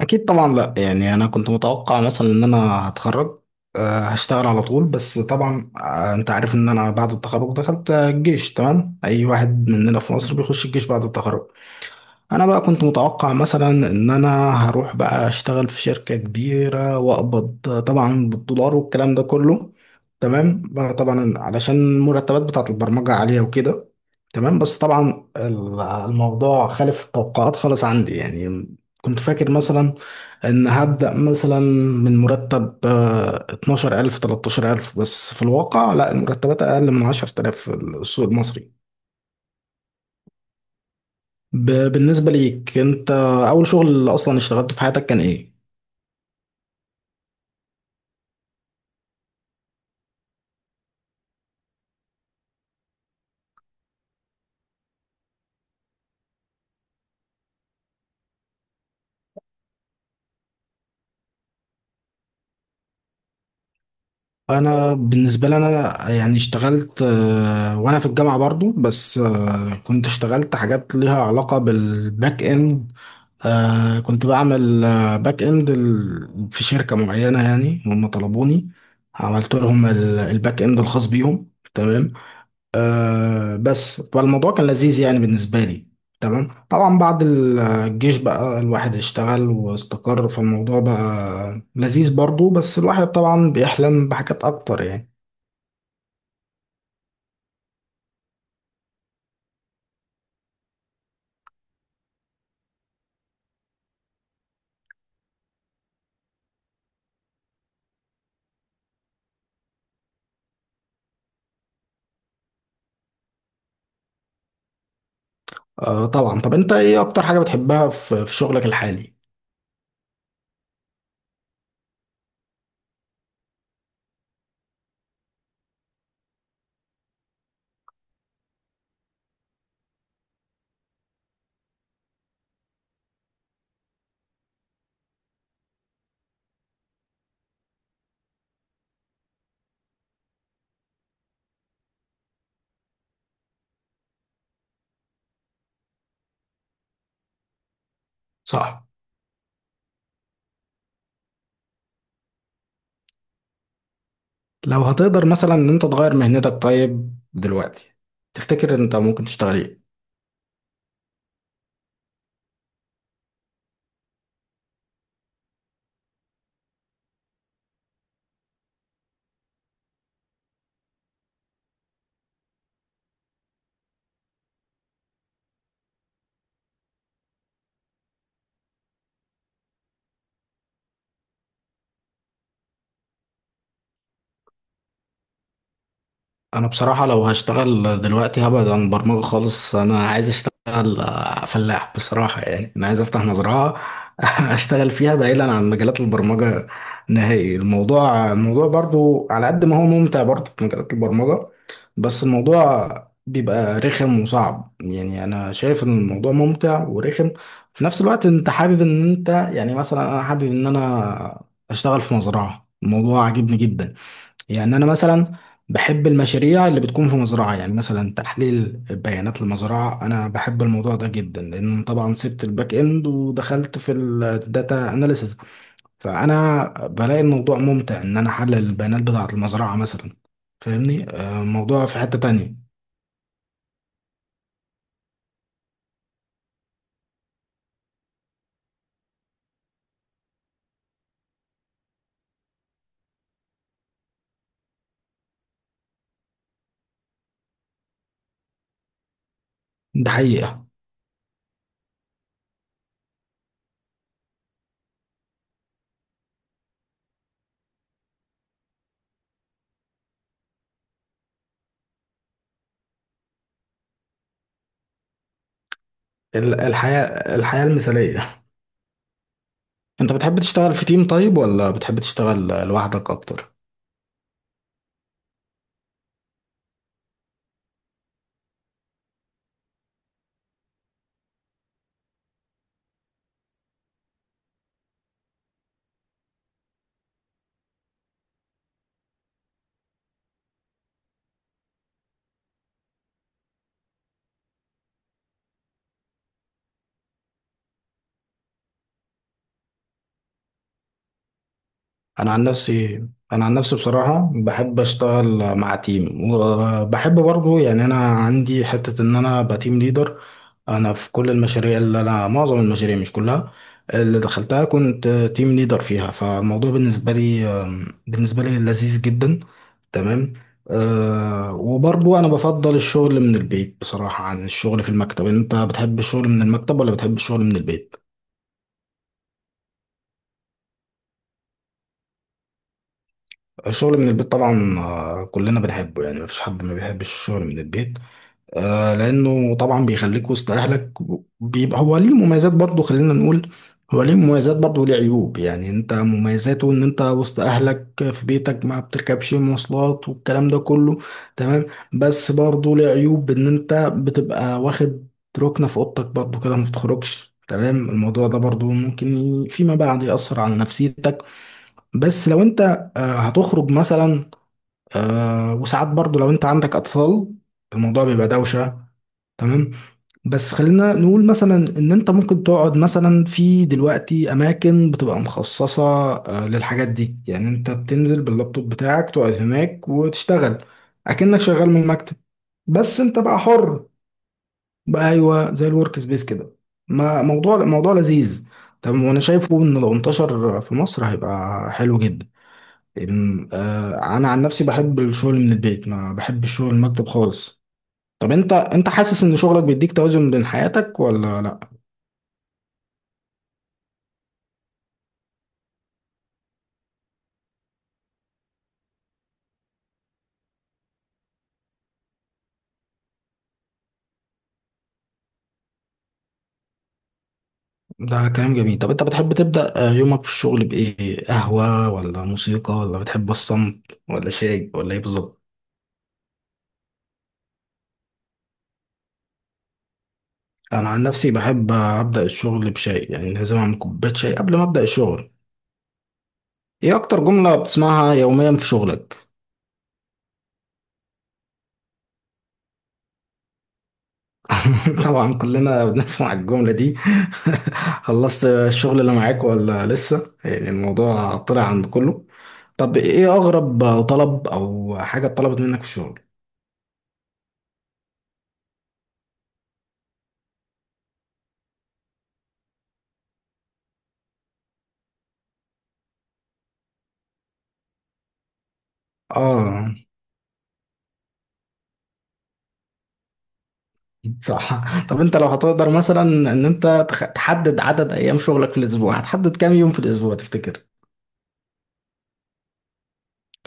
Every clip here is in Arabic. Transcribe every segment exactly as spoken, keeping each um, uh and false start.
اكيد طبعا، لا يعني انا كنت متوقع مثلا ان انا هتخرج آه، هشتغل على طول. بس طبعا آه، انت عارف ان انا بعد التخرج دخلت آه، الجيش. تمام، اي واحد مننا في مصر بيخش الجيش بعد التخرج. انا بقى كنت متوقع مثلا ان انا هروح بقى اشتغل في شركة كبيرة واقبض، آه، طبعا، بالدولار والكلام ده كله. تمام بقى طبعا علشان المرتبات بتاعت البرمجة عالية وكده. تمام، بس طبعا ال- الموضوع خالف التوقعات خالص عندي. يعني كنت فاكر مثلا ان هبدأ مثلا من مرتب آه، اتناشر الف تلتاشر الف، بس في الواقع لا، المرتبات اقل من عشر الاف في السوق المصري. ب- بالنسبة ليك انت، اول شغل اصلا اشتغلته في حياتك كان ايه؟ انا بالنسبه لي، انا يعني اشتغلت آه، وانا في الجامعه برضو، بس آه، كنت اشتغلت حاجات ليها علاقه بالباك اند. آه، كنت بعمل آه، باك اند ال- في شركه معينه، يعني هم طلبوني، عملت لهم ال- الباك اند الخاص بيهم. تمام، آه، بس فالموضوع كان لذيذ يعني بالنسبة لي. تمام، طبعا بعد ال- الجيش بقى الواحد اشتغل واستقر، فالموضوع بقى لذيذ برضو، بس الواحد طبعا بيحلم بحاجات أكتر يعني. آه طبعا. طب أنت إيه أكتر حاجة بتحبها في في شغلك الحالي؟ صح. لو هتقدر مثلا إن أنت تغير مهنتك طيب دلوقتي، تفتكر أنت ممكن تشتغل إيه؟ انا بصراحة لو هشتغل دلوقتي هبعد عن برمجة خالص. انا عايز اشتغل آه، فلاح بصراحة. يعني انا عايز افتح مزرعة اشتغل فيها بعيدا عن مجالات البرمجة نهائي. الموضوع الموضوع برضو على قد ما هو ممتع برضو في مجالات البرمجة، بس الموضوع بيبقى رخم وصعب. يعني انا شايف ان الموضوع ممتع ورخم في نفس الوقت. انت حابب ان انت يعني، مثلا انا حابب ان انا اشتغل في مزرعة، الموضوع عاجبني جدا. يعني أنا مثلا بحب المشاريع اللي بتكون في مزرعة، يعني مثلا تحليل بيانات المزرعة، أنا بحب الموضوع ده جدا، لأن طبعا سبت الباك إند ودخلت في الداتا أناليسز. فأنا بلاقي الموضوع ممتع إن أنا أحلل البيانات بتاعة المزرعة مثلا. فاهمني، آه، الموضوع في حتة تانية. ده حقيقة. ال- الحياة الحياة المثالية. أنت بتحب تشتغل في تيم طيب ولا بتحب تشتغل لوحدك أكتر؟ انا عن نفسي انا عن نفسي بصراحه بحب اشتغل مع تيم، وبحب برضو يعني انا عندي حته ان انا ابقى تيم ليدر. انا في كل المشاريع اللي انا، معظم المشاريع مش كلها اللي دخلتها، كنت تيم ليدر فيها. فالموضوع بالنسبه لي بالنسبه لي لذيذ جدا. تمام. أه، وبرضو انا بفضل الشغل من البيت بصراحه عن الشغل في المكتب. انت بتحب الشغل من المكتب ولا بتحب الشغل من البيت؟ الشغل من البيت طبعا آه، كلنا بنحبه، يعني مفيش حد ما بيحبش الشغل من البيت. آه، لأنه طبعا بيخليك وسط أهلك. بيبقى هو ليه مميزات برضه، خلينا نقول هو ليه مميزات برضه وليه عيوب. يعني أنت مميزاته إن أنت وسط أهلك في بيتك، ما بتركبش مواصلات والكلام ده كله. تمام، بس برضه ليه عيوب، إن أنت بتبقى واخد ركنة في أوضتك برضه كده، ما بتخرجش. تمام، الموضوع ده برضه ممكن ي- فيما بعد يأثر على نفسيتك. بس لو أنت آه، هتخرج مثلا، آه، وساعات برضو لو انت عندك اطفال، الموضوع بيبقى دوشة. تمام، بس خلينا نقول مثلا ان انت ممكن تقعد مثلا في، دلوقتي اماكن بتبقى مخصصة آه للحاجات دي، يعني انت بتنزل باللابتوب بتاعك تقعد هناك وتشتغل اكنك شغال من المكتب، بس انت بقى حر بقى. ايوه، زي الورك سبيس كده. ما موضوع موضوع لذيذ. طب وانا شايفه ان لو انتشر في مصر هيبقى حلو جدا. إن- آه، انا عن نفسي بحب الشغل من البيت، ما بحب الشغل المكتب خالص. طب انت، انت حاسس ان شغلك بيديك توازن بين حياتك ولا لا؟ ده كلام جميل. طب انت بتحب تبدأ آه، يومك في الشغل بايه؟ قهوة ولا موسيقى ولا بتحب الصمت ولا شاي ولا ايه بالظبط؟ انا عن نفسي بحب ابدأ الشغل بشاي، يعني لازم اعمل كوباية شاي قبل ما ابدأ الشغل. ايه اكتر جملة بتسمعها يوميا في شغلك؟ طبعا كلنا بنسمع الجملة دي. خلصت الشغل اللي معاك ولا لسه؟ يعني الموضوع طلع عن كله. طب ايه اغرب طلب او حاجة اتطلبت منك في الشغل؟ اه، صح. طب انت لو هتقدر مثلا ان انت تخ- تحدد عدد ايام شغلك في الاسبوع، هتحدد كام يوم في الاسبوع تفتكر؟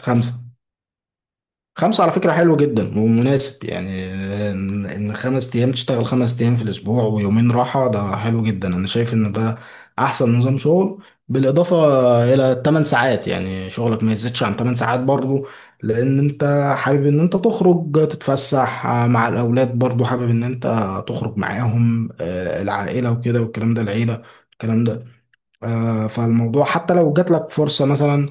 خمسة. خمسة على فكرة حلو جدا ومناسب. يعني إن إن خمس أيام تشتغل، خمس أيام في الأسبوع ويومين راحة، ده حلو جدا. أنا شايف إن ده أحسن نظام شغل، بالإضافة إلى تمن ساعات، يعني شغلك ما يزيدش عن ثمان ساعات برضو، لأن أنت حابب إن أنت تخرج تتفسح مع الأولاد، برضو حابب إن أنت تخرج معاهم، آه، العائلة وكده والكلام ده، العيلة الكلام ده، آه، فالموضوع حتى لو جات لك فرصة مثلا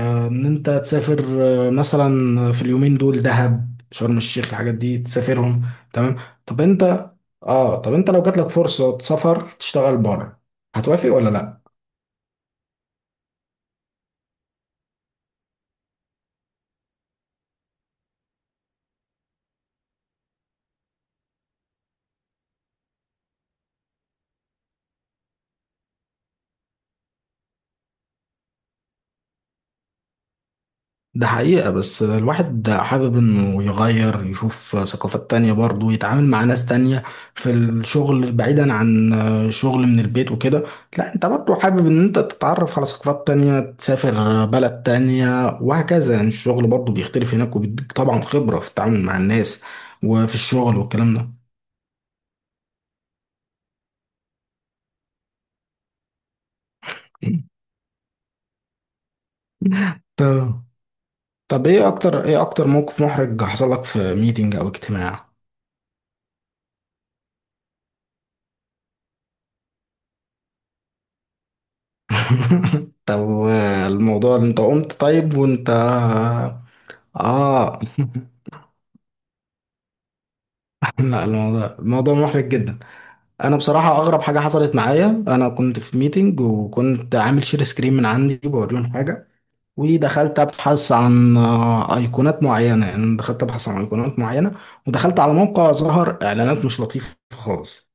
آه، ان انت تسافر آه، مثلا في اليومين دول، دهب، شرم الشيخ، الحاجات دي تسافرهم. تمام. طب انت، اه طب انت لو جاتلك فرصة سفر تشتغل بره، هتوافق ولا لا؟ ده حقيقة، بس الواحد حابب انه يغير، يشوف ثقافات تانية برضه، يتعامل مع ناس تانية في الشغل، بعيدا عن شغل من البيت وكده. لا، انت برضه حابب ان انت تتعرف على ثقافات تانية، تسافر بلد تانية وهكذا. يعني الشغل برضه بيختلف هناك، وبيديك طبعا خبرة في التعامل مع الناس وفي الشغل والكلام ده. طب طب ايه اكتر ايه اكتر موقف محرج حصل لك في ميتنج او اجتماع؟ طب الموضوع، انت قمت طيب وانت، اه؟ لا الموضوع، الموضوع محرج جدا. انا بصراحه اغرب حاجه حصلت معايا، انا كنت في ميتنج وكنت عامل شير سكرين من عندي بوريهم حاجه، ودخلت ابحث عن آه، ايقونات معينه، يعني دخلت ابحث عن ايقونات معينه، ودخلت على موقع ظهر اعلانات مش لطيفه خالص.